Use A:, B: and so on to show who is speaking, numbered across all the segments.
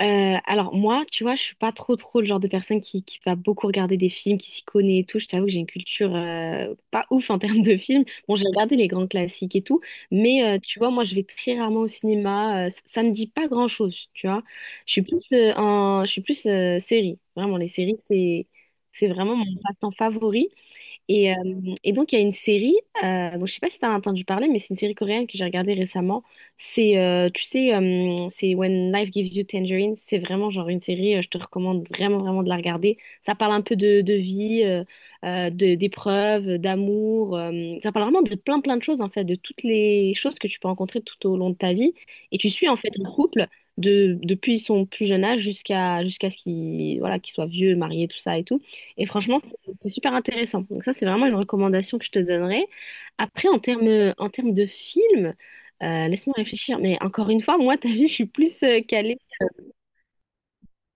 A: Alors moi, tu vois, je suis pas trop le genre de personne qui va beaucoup regarder des films, qui s'y connaît et tout. Je t'avoue que j'ai une culture pas ouf en termes de films. Bon, j'ai regardé les grands classiques et tout, mais tu vois, moi, je vais très rarement au cinéma. Ça me dit pas grand-chose, tu vois. Je suis plus je suis plus série. Vraiment, les séries, c'est vraiment mon passe-temps favori. Et, euh, et donc, il y a une série, je sais pas si tu as entendu parler, mais c'est une série coréenne que j'ai regardée récemment. C'est When Life Gives You Tangerine. C'est vraiment genre une série, je te recommande vraiment, vraiment de la regarder. Ça parle un peu de vie, d'épreuves, d'amour. Ça parle vraiment de plein, plein de choses, en fait, de toutes les choses que tu peux rencontrer tout au long de ta vie. Et tu suis, en fait, un couple depuis son plus jeune âge jusqu'à ce qu'il voilà, qu'il soit vieux, marié, tout ça et tout. Et franchement, c'est super intéressant. Donc ça, c'est vraiment une recommandation que je te donnerais. Après, en termes de film, laisse-moi réfléchir. Mais encore une fois, moi, t'as vu, je suis plus calée.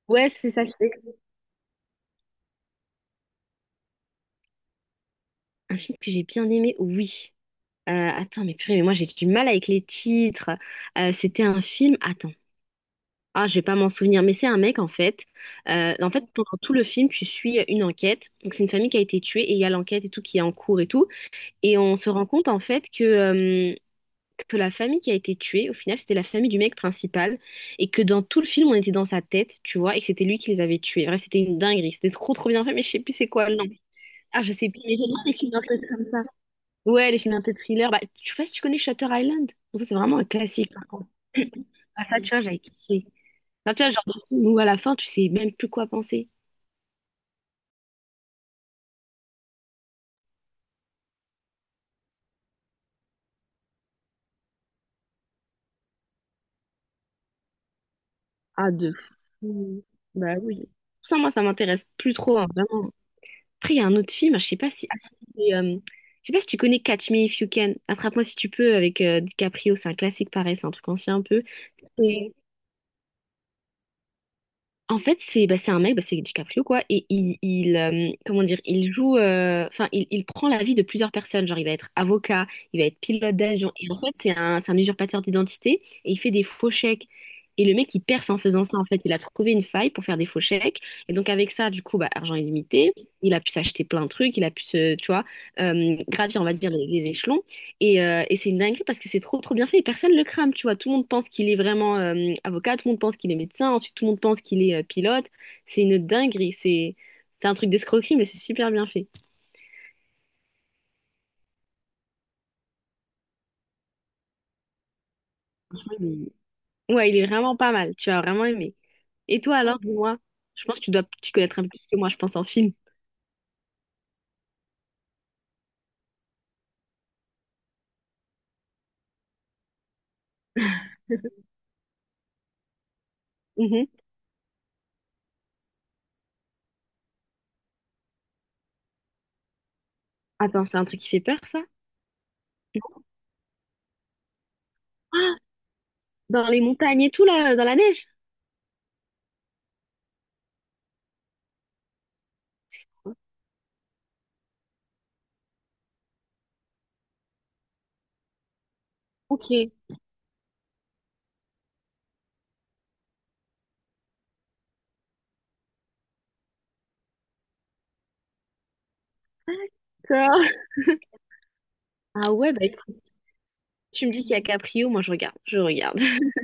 A: Ouais, c'est ça. C'est un film que j'ai bien aimé, oui. Attends, mais purée, mais moi, j'ai du mal avec les titres. C'était un film... Attends. Ah, je vais pas m'en souvenir, mais c'est un mec en fait. En fait, pendant tout le film, tu suis une enquête. Donc, c'est une famille qui a été tuée et il y a l'enquête et tout qui est en cours et tout. Et on se rend compte en fait que la famille qui a été tuée, au final, c'était la famille du mec principal, et que dans tout le film, on était dans sa tête, tu vois, et que c'était lui qui les avait tués. Vrai, c'était une dinguerie, c'était trop bien fait, mais je sais plus c'est quoi le nom. Ah, je sais plus, mais j'aime bien les films un peu comme ça. Ouais, les films un peu thriller. Bah, tu vois, si tu connais Shutter Island. Bon, ça c'est vraiment un classique, par contre. Ah, ça, tu vois, j'avais kiffé. Ça, tu vois, genre, des films où à la fin, tu sais même plus quoi penser. Ah, de fou. Bah oui. Ça, moi, ça m'intéresse plus trop, hein, vraiment. Après, il y a un autre film, je sais pas si, je sais pas si tu connais Catch Me If You Can, Attrape-moi si tu peux avec DiCaprio, c'est un classique pareil, c'est un truc ancien un peu. En fait, c'est un mec, c'est DiCaprio quoi, il comment dire, il il prend la vie de plusieurs personnes. Genre, il va être avocat, il va être pilote d'avion, et en fait, c'est un usurpateur d'identité, et il fait des faux chèques. Et le mec, il perce en faisant ça, en fait. Il a trouvé une faille pour faire des faux chèques. Et donc, avec ça, du coup, bah, argent illimité, il a pu s'acheter plein de trucs, il a pu tu vois, gravir, on va dire, les échelons. Et c'est une dinguerie parce que c'est trop bien fait et personne le crame, tu vois. Tout le monde pense qu'il est vraiment avocat, tout le monde pense qu'il est médecin, ensuite tout le monde pense qu'il est pilote. C'est une dinguerie, c'est un truc d'escroquerie mais c'est super bien fait. Franchement, il est- Ouais, il est vraiment pas mal, tu vas vraiment aimer. Et toi alors, dis-moi, je pense que tu dois tu connaître un peu plus que moi, je pense en film. Mhm. Attends, c'est un truc qui fait peur ça? Ah, dans les montagnes et tout là, dans la neige? Ok. D'accord. Ah ouais, bah écoute, tu me dis qu'il y a Caprio, moi je regarde, je regarde.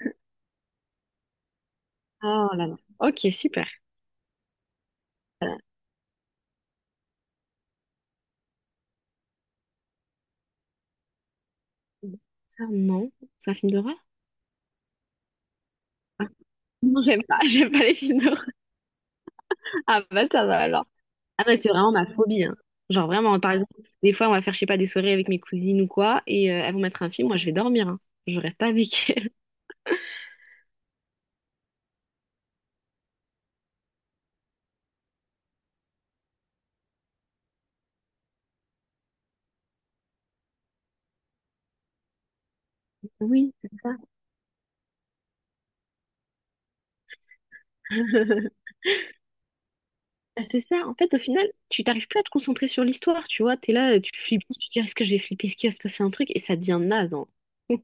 A: Oh là là. Ok, super. Euh, ça, non. C'est un film d'horreur? Ah, non, j'aime pas. J'aime pas les films d'horreur. Ah bah ça va alors. Ah non, c'est vraiment ma phobie. Hein. Genre vraiment, par exemple, des fois on va faire, je sais pas, des soirées avec mes cousines ou quoi, et elles vont mettre un film, moi je vais dormir. Hein. Je reste pas avec elles. Oui, c'est ça. Ah, c'est ça. En fait, au final, tu t'arrives plus à te concentrer sur l'histoire, tu vois. T'es là, tu flippes, tu te dis, est-ce que je vais flipper, est-ce qu'il va se passer un truc, et ça devient naze. Hein.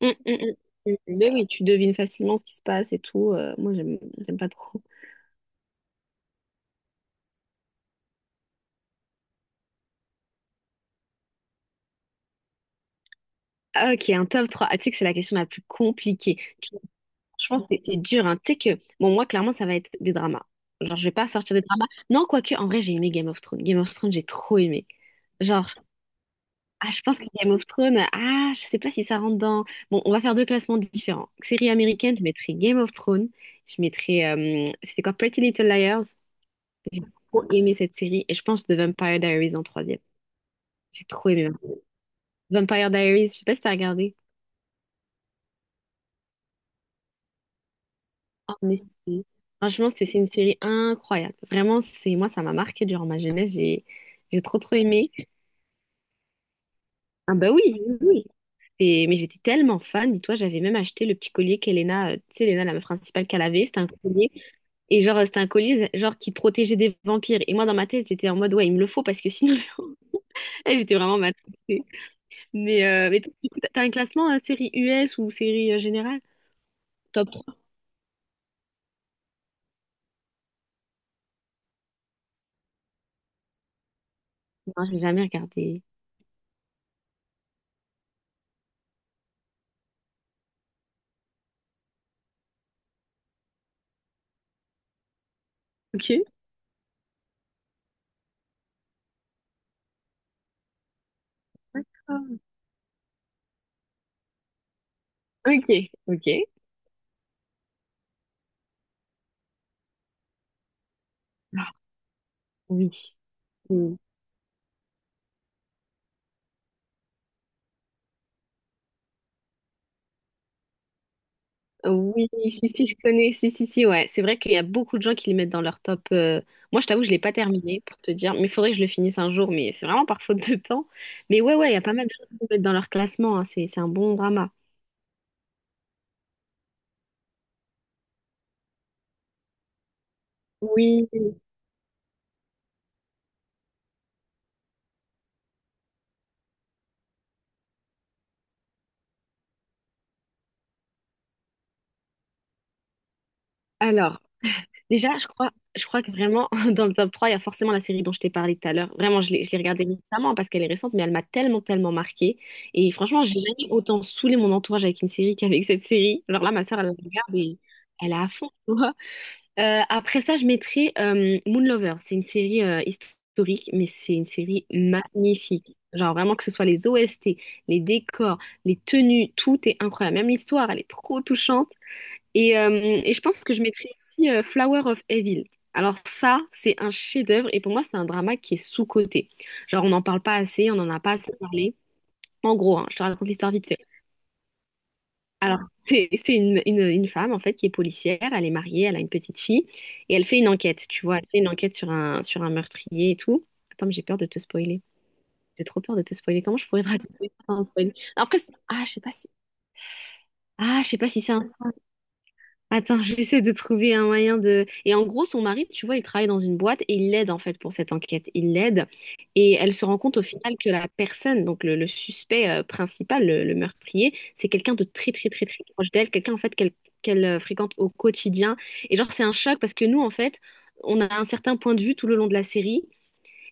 A: Hum, hum, hum. Mais oui, tu devines facilement ce qui se passe et tout. Moi, j'aime pas trop. Ah, ok, un top 3. Ah, tu sais que c'est la question la plus compliquée. Tu- franchement, c'est dur. Hein. Tu sais que, bon, moi, clairement, ça va être des dramas. Genre, je vais pas sortir des dramas. Non, quoique, en vrai, j'ai aimé Game of Thrones. Game of Thrones, j'ai trop aimé. Genre, je pense que Game of Thrones, ah, je sais pas si ça rentre dans. Bon, on va faire deux classements différents. Série américaine, je mettrai Game of Thrones. Je mettrai. C'était quoi? Pretty Little Liars. J'ai trop aimé cette série. Et je pense The Vampire Diaries en troisième. J'ai trop aimé. Vampire Diaries, je sais pas si t'as regardé. En effet. Franchement, c'est une série incroyable. Vraiment, ça m'a marqué durant ma jeunesse. J'ai trop aimé. Ah bah oui, oui. oui. oui. Et- mais j'étais tellement fan, dis-toi, j'avais même acheté le petit collier qu'Elena, tu sais, Elena, la meuf principale qu'elle avait, c'était un collier. Et genre, c'était un collier genre qui protégeait des vampires. Et moi, dans ma tête, j'étais en mode, ouais, il me le faut parce que sinon, eh, j'étais vraiment matrixée. Mais toi, du coup, t'as un classement, série US ou série générale? Top trois non, j'ai jamais regardé. Ok. D'accord. Ok, ok. Ah, oui. Mm. Oui, si, si, je connais, si, si, si, ouais. C'est vrai qu'il y a beaucoup de gens qui les mettent dans leur top. Moi, je t'avoue, je l'ai pas terminé pour te dire, mais il faudrait que je le finisse un jour, mais c'est vraiment par faute de temps. Mais ouais, ouais, il y a pas mal de gens qui le mettent dans leur classement, hein. C'est un bon drama. Oui. Alors, déjà, je crois que vraiment, dans le top 3 il y a forcément la série dont je t'ai parlé tout à l'heure. Vraiment, je l'ai regardée récemment parce qu'elle est récente, mais elle m'a tellement, tellement marquée. Et franchement, j'ai jamais autant saoulé mon entourage avec une série qu'avec cette série. Alors là, ma soeur, elle la regarde et elle a à fond. Après ça, je mettrai Moonlover. C'est une série historique, mais c'est une série magnifique. Genre vraiment que ce soit les OST, les décors, les tenues, tout est incroyable. Même l'histoire, elle est trop touchante. Et je pense que je mettrai aussi Flower of Evil. Alors ça, c'est un chef-d'œuvre et pour moi, c'est un drama qui est sous-coté. Genre on n'en parle pas assez, on n'en a pas assez parlé. En gros, hein, je te raconte l'histoire vite fait. Alors, c'est une femme, en fait, qui est policière, elle est mariée, elle a une petite fille, et elle fait une enquête, tu vois, elle fait une enquête sur sur un meurtrier et tout. Attends, mais j'ai peur de te spoiler. J'ai trop peur de te spoiler. Comment je pourrais te raconter ça sans spoiler? Après, c'est- ah, je sais pas si... Ah, je sais pas si c'est un spoil. Attends, j'essaie de trouver un moyen de... Et en gros, son mari, tu vois, il travaille dans une boîte et il l'aide en fait pour cette enquête. Il l'aide et elle se rend compte au final que la personne, donc le suspect principal, le meurtrier, c'est quelqu'un de très proche d'elle, quelqu'un en fait qu'elle fréquente au quotidien. Et genre, c'est un choc parce que nous, en fait, on a un certain point de vue tout le long de la série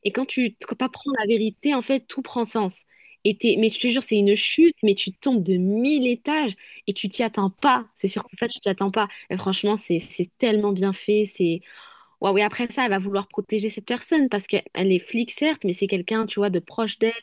A: et quand tu quand apprends la vérité, en fait, tout prend sens. Et t'es- mais je te jure, c'est une chute, mais tu tombes de mille étages et tu t'y attends pas. C'est surtout ça, tu t'y attends pas. Et franchement, c'est tellement bien fait. C'est waouh. Et après ça, elle va vouloir protéger cette personne parce qu'elle est flic, certes, mais c'est quelqu'un, tu vois, de proche d'elle.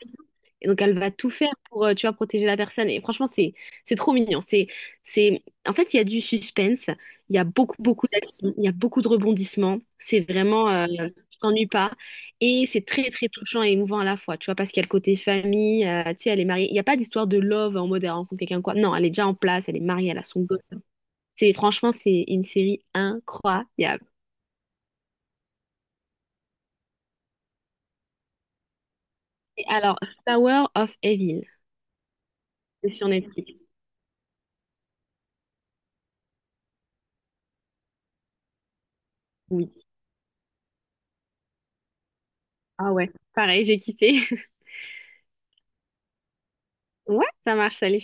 A: Et donc elle va tout faire pour, tu vois, protéger la personne. Et franchement, c'est trop mignon. C'est En fait, il y a du suspense, il y a beaucoup d'action, il y a beaucoup de rebondissements. C'est vraiment, tu t'ennuies pas. Et c'est très touchant et émouvant à la fois, tu vois, parce qu'il y a le côté famille. Tu sais, elle est mariée. Il n'y a pas d'histoire de love en mode elle rencontre quelqu'un quoi. Non, elle est déjà en place, elle est mariée, elle a son gosse. C'est Franchement, c'est une série incroyable. Et alors, Tower of Evil, c'est sur Netflix. Oui. Ah ouais, pareil, j'ai kiffé. Ouais, ça marche, salut.